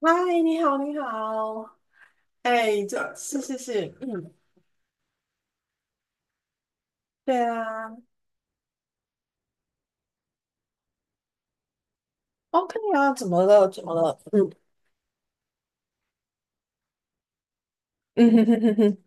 嗨，你好，你好，哎，这是，嗯，对啊，OK 啊，怎么了？怎么了？嗯嗯 嗯哼哼哼，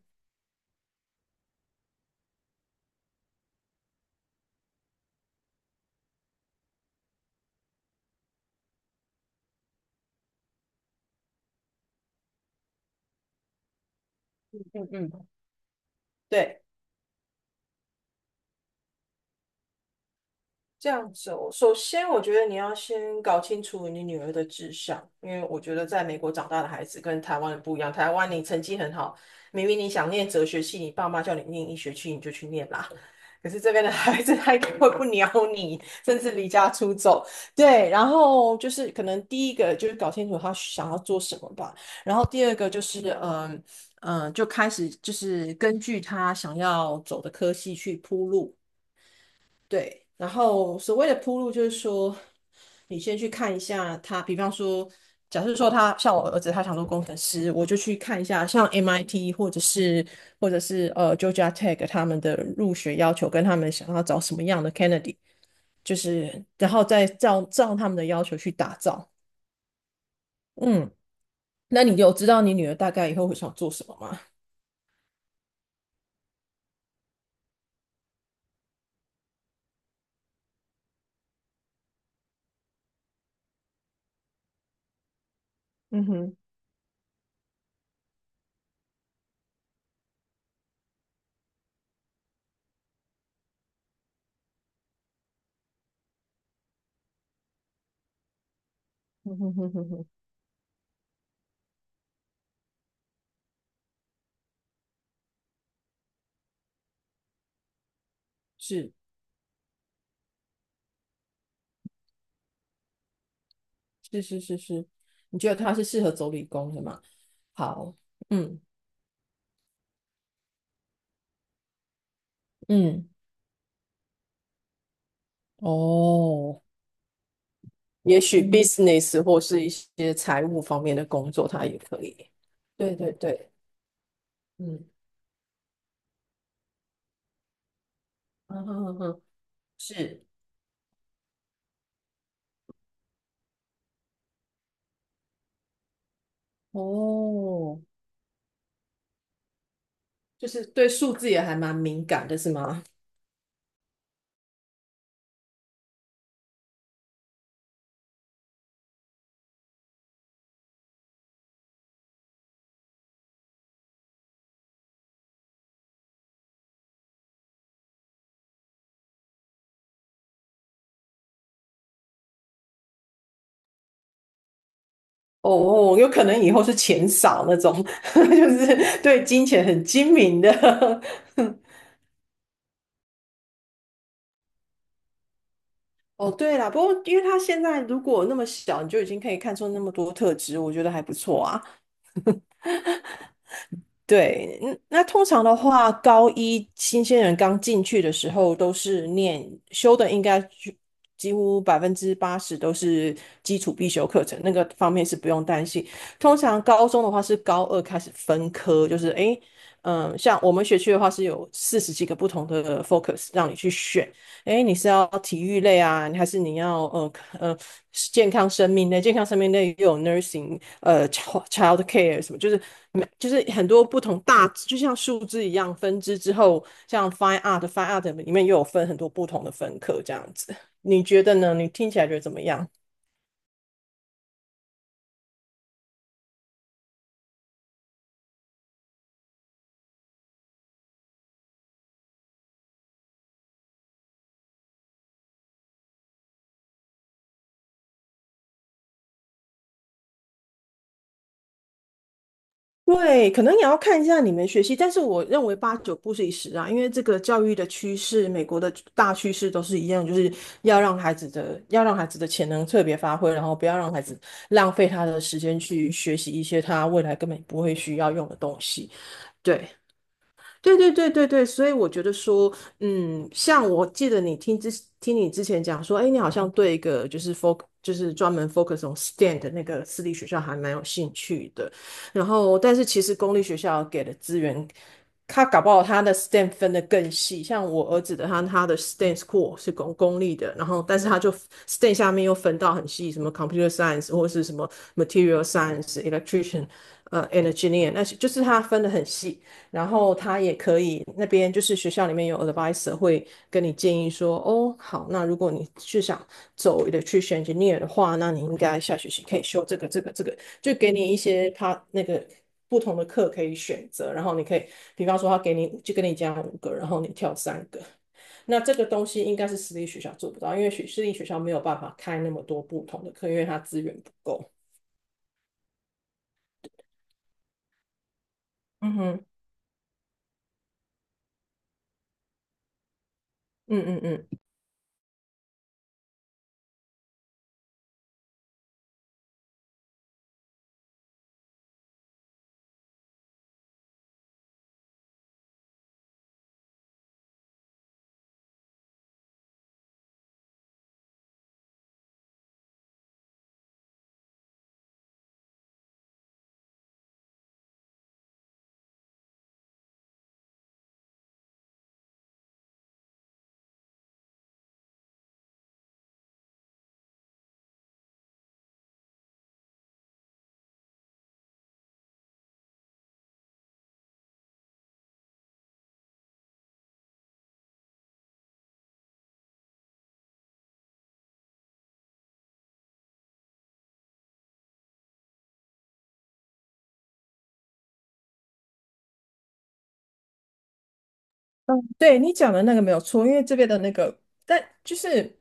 嗯嗯，对，这样子哦。首先我觉得你要先搞清楚你女儿的志向，因为我觉得在美国长大的孩子跟台湾人不一样。台湾你成绩很好，明明你想念哲学系，你爸妈叫你念医学系，你就去念啦。可是这边的孩子 他根本不鸟你，甚至离家出走。对，然后就是可能第一个就是搞清楚他想要做什么吧，然后第二个就是就开始就是根据他想要走的科系去铺路。对，然后所谓的铺路就是说，你先去看一下他，比方说，假设说他像我儿子，他想做工程师，我就去看一下像 MIT 或者是 Georgia Tech 他们的入学要求跟他们想要找什么样的 candidate,就是然后再照他们的要求去打造。嗯，那你有知道你女儿大概以后会想做什么吗？嗯哼，嗯哼哼哼哼，是是是是是，你觉得她是适合走理工的吗？好。嗯。嗯，哦，也许business 或是一些财务方面的工作，它也可以。对对对，嗯，嗯嗯哼哼哼，是，哦，就是对数字也还蛮敏感的，是吗？哦哦，有可能以后是钱少那种，就是对金钱很精明的。哦，对啦，不过因为他现在如果那么小，你就已经可以看出那么多特质，我觉得还不错啊。对，嗯那通常的话，高一新鲜人刚进去的时候都是念修的，应该就几乎80%都是基础必修课程，那个方面是不用担心。通常高中的话是高二开始分科，就是诶，嗯，像我们学区的话是有40 几个不同的 focus 让你去选，哎，你是要体育类啊，还是你要呃健康生命类？健康生命类又有 nursing,child care 什么，就是每就是很多不同大，就像树枝一样分支之后，像 fine art 里面又有分很多不同的分科这样子。你觉得呢？你听起来觉得怎么样？对，可能也要看一下你们学习，但是我认为八九不离十啊，因为这个教育的趋势，美国的大趋势都是一样，就是要让孩子的要让孩子的潜能特别发挥，然后不要让孩子浪费他的时间去学习一些他未来根本不会需要用的东西。对。对对对对对，所以我觉得说，嗯，像我记得你听你之前讲说，哎，你好像对一个就是 focus 就是专门 focus on STEM 的那个私立学校还蛮有兴趣的，然后但是其实公立学校给的资源，他搞不好他的 STEM 分得更细，像我儿子的他的 STEM school 是公立的，然后但是他就 STEM 下面又分到很细，什么 computer science 或是什么 material science、electrician。呃，engineer 那些就是他分得很细，然后他也可以，那边就是学校里面有 advisor 会跟你建议说，哦，好，那如果你是想走 e l e c t r 的话，那你应该下学期可以修这个、这个、这个，就给你一些他那个不同的课可以选择，然后你可以，比方说他给你就跟你讲五个，然后你跳三个，那这个东西应该是私立学校做不到，因为学私立学校没有办法开那么多不同的课，因为它资源不够。嗯哼，嗯嗯嗯。嗯，对你讲的那个没有错，因为这边的那个，但就是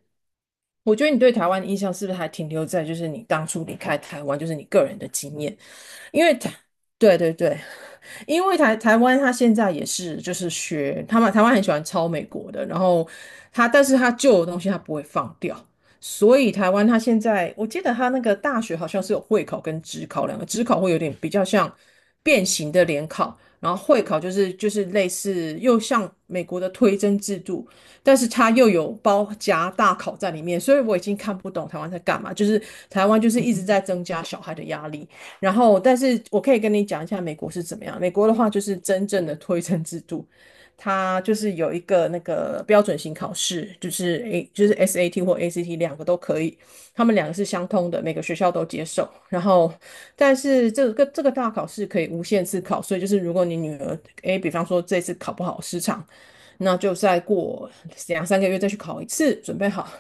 我觉得你对台湾的印象是不是还停留在就是你当初离开台湾，就是你个人的经验？因为台，对对对，因为台湾它现在也是就是学他们台湾很喜欢抄美国的，然后它但是它旧的东西它不会放掉，所以台湾它现在我记得它那个大学好像是有会考跟职考两个，职考会有点比较像变形的联考，然后会考就是就是类似又像美国的推甄制度，但是它又有包夹大考在里面，所以我已经看不懂台湾在干嘛，就是台湾就是一直在增加小孩的压力。然后，但是我可以跟你讲一下美国是怎么样。美国的话，就是真正的推甄制度，它就是有一个那个标准型考试，就是 A 就是 SAT 或 ACT 2 个都可以，他们两个是相通的，每个学校都接受。然后，但是这个大考试可以无限次考，所以就是如果你女儿 A,比方说这次考不好失常，那就再过2 3 个月再去考一次，准备好。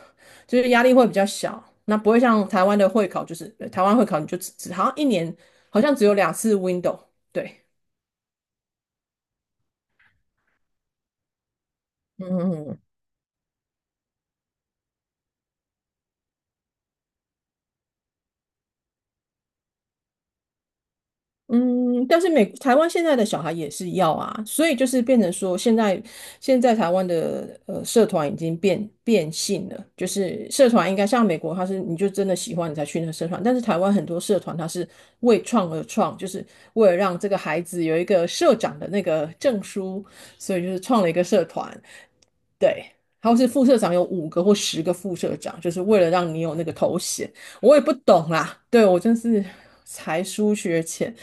就是压力会比较小，那不会像台湾的会考，就是呃台湾会考你就只好像一年好像只有2 次 window,对，嗯嗯嗯，但是美台湾现在的小孩也是要啊，所以就是变成说现在现在台湾的呃社团已经变性了，就是社团应该像美国，它是你就真的喜欢你才去那个社团，但是台湾很多社团它是为创而创，就是为了让这个孩子有一个社长的那个证书，所以就是创了一个社团。对，然后是副社长有5 个或 10 个副社长，就是为了让你有那个头衔。我也不懂啦，对，我真是才疏学浅。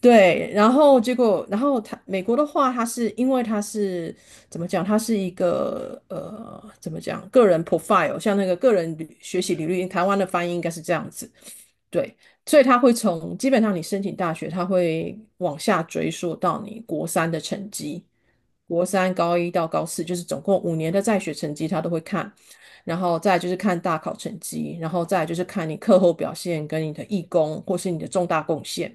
对，然后结果，然后他美国的话，它是因为它是怎么讲？它是一个呃，怎么讲？个人 profile,像那个个人履学习履历，台湾的翻译应该是这样子。对，所以他会从基本上你申请大学，他会往下追溯到你国三的成绩。国三、高一到高四，就是总共5 年的在学成绩，他都会看。然后再来就是看大考成绩，然后再来就是看你课后表现跟你的义工或是你的重大贡献。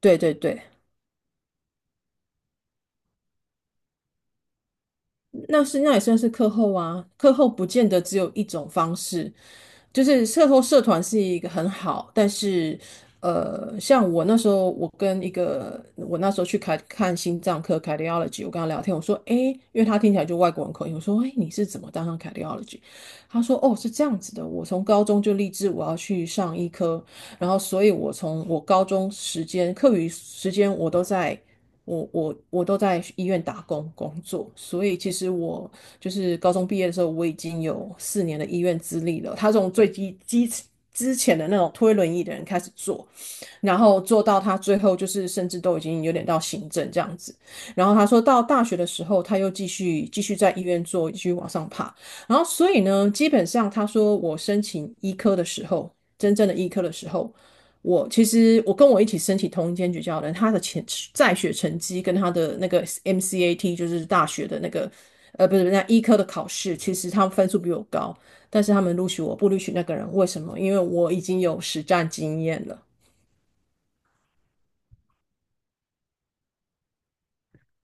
对对对，那是那也算是课后啊。课后不见得只有一种方式，就是社团是一个很好，但是呃，像我那时候，我跟一个我那时候去看看心脏科 cardiology,我跟他聊天，我说，诶，因为他听起来就外国人口音，我说，诶，你是怎么当上 cardiology?他说，哦，是这样子的，我从高中就立志我要去上医科，然后所以我从我高中时间课余时间我都在我都在医院打工工作，所以其实我就是高中毕业的时候，我已经有四年的医院资历了。他从最基基之前的那种推轮椅的人开始做，然后做到他最后就是甚至都已经有点到行政这样子。然后他说到大学的时候，他又继续在医院做，继续往上爬。然后所以呢，基本上他说我申请医科的时候，真正的医科的时候。我其实我跟我一起申请同一间学校的人，他的前在学成绩跟他的那个 MCAT,就是大学的那个，呃，不是那医科的考试，其实他们分数比我高，但是他们录取我不录取那个人，为什么？因为我已经有实战经验了。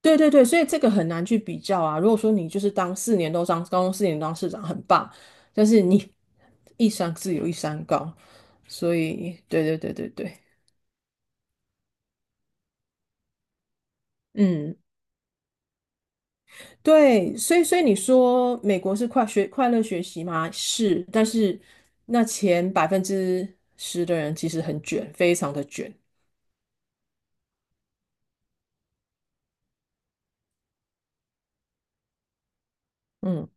对对对，所以这个很难去比较啊。如果说你就是当四年都当高中四年当市长很棒，但是你 一山自有一山高，所以对对对对对，嗯，对，所以所以你说美国是快学快乐学习吗？是，但是那前10%的人其实很卷，非常的卷。嗯，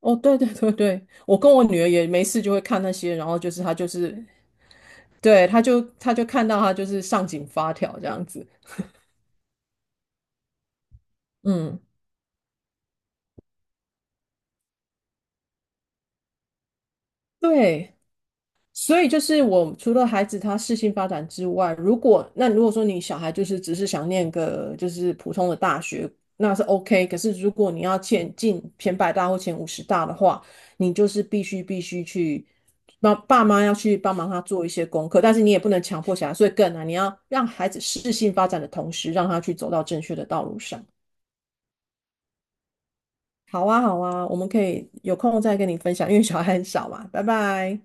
哦，对对对对，我跟我女儿也没事就会看那些，然后就是她就是，对，她就她就看到她就是上紧发条这样子。嗯。对，所以就是我除了孩子他适性发展之外，如果说你小孩就是只是想念个就是普通的大学，那是 OK。可是如果你要前进前 100 大或前 50 大的话，你就是必须去帮爸妈要去帮忙他做一些功课，但是你也不能强迫小孩，所以更难。你要让孩子适性发展的同时，让他去走到正确的道路上。好啊，好啊，我们可以有空再跟你分享，因为小孩很少嘛。拜拜。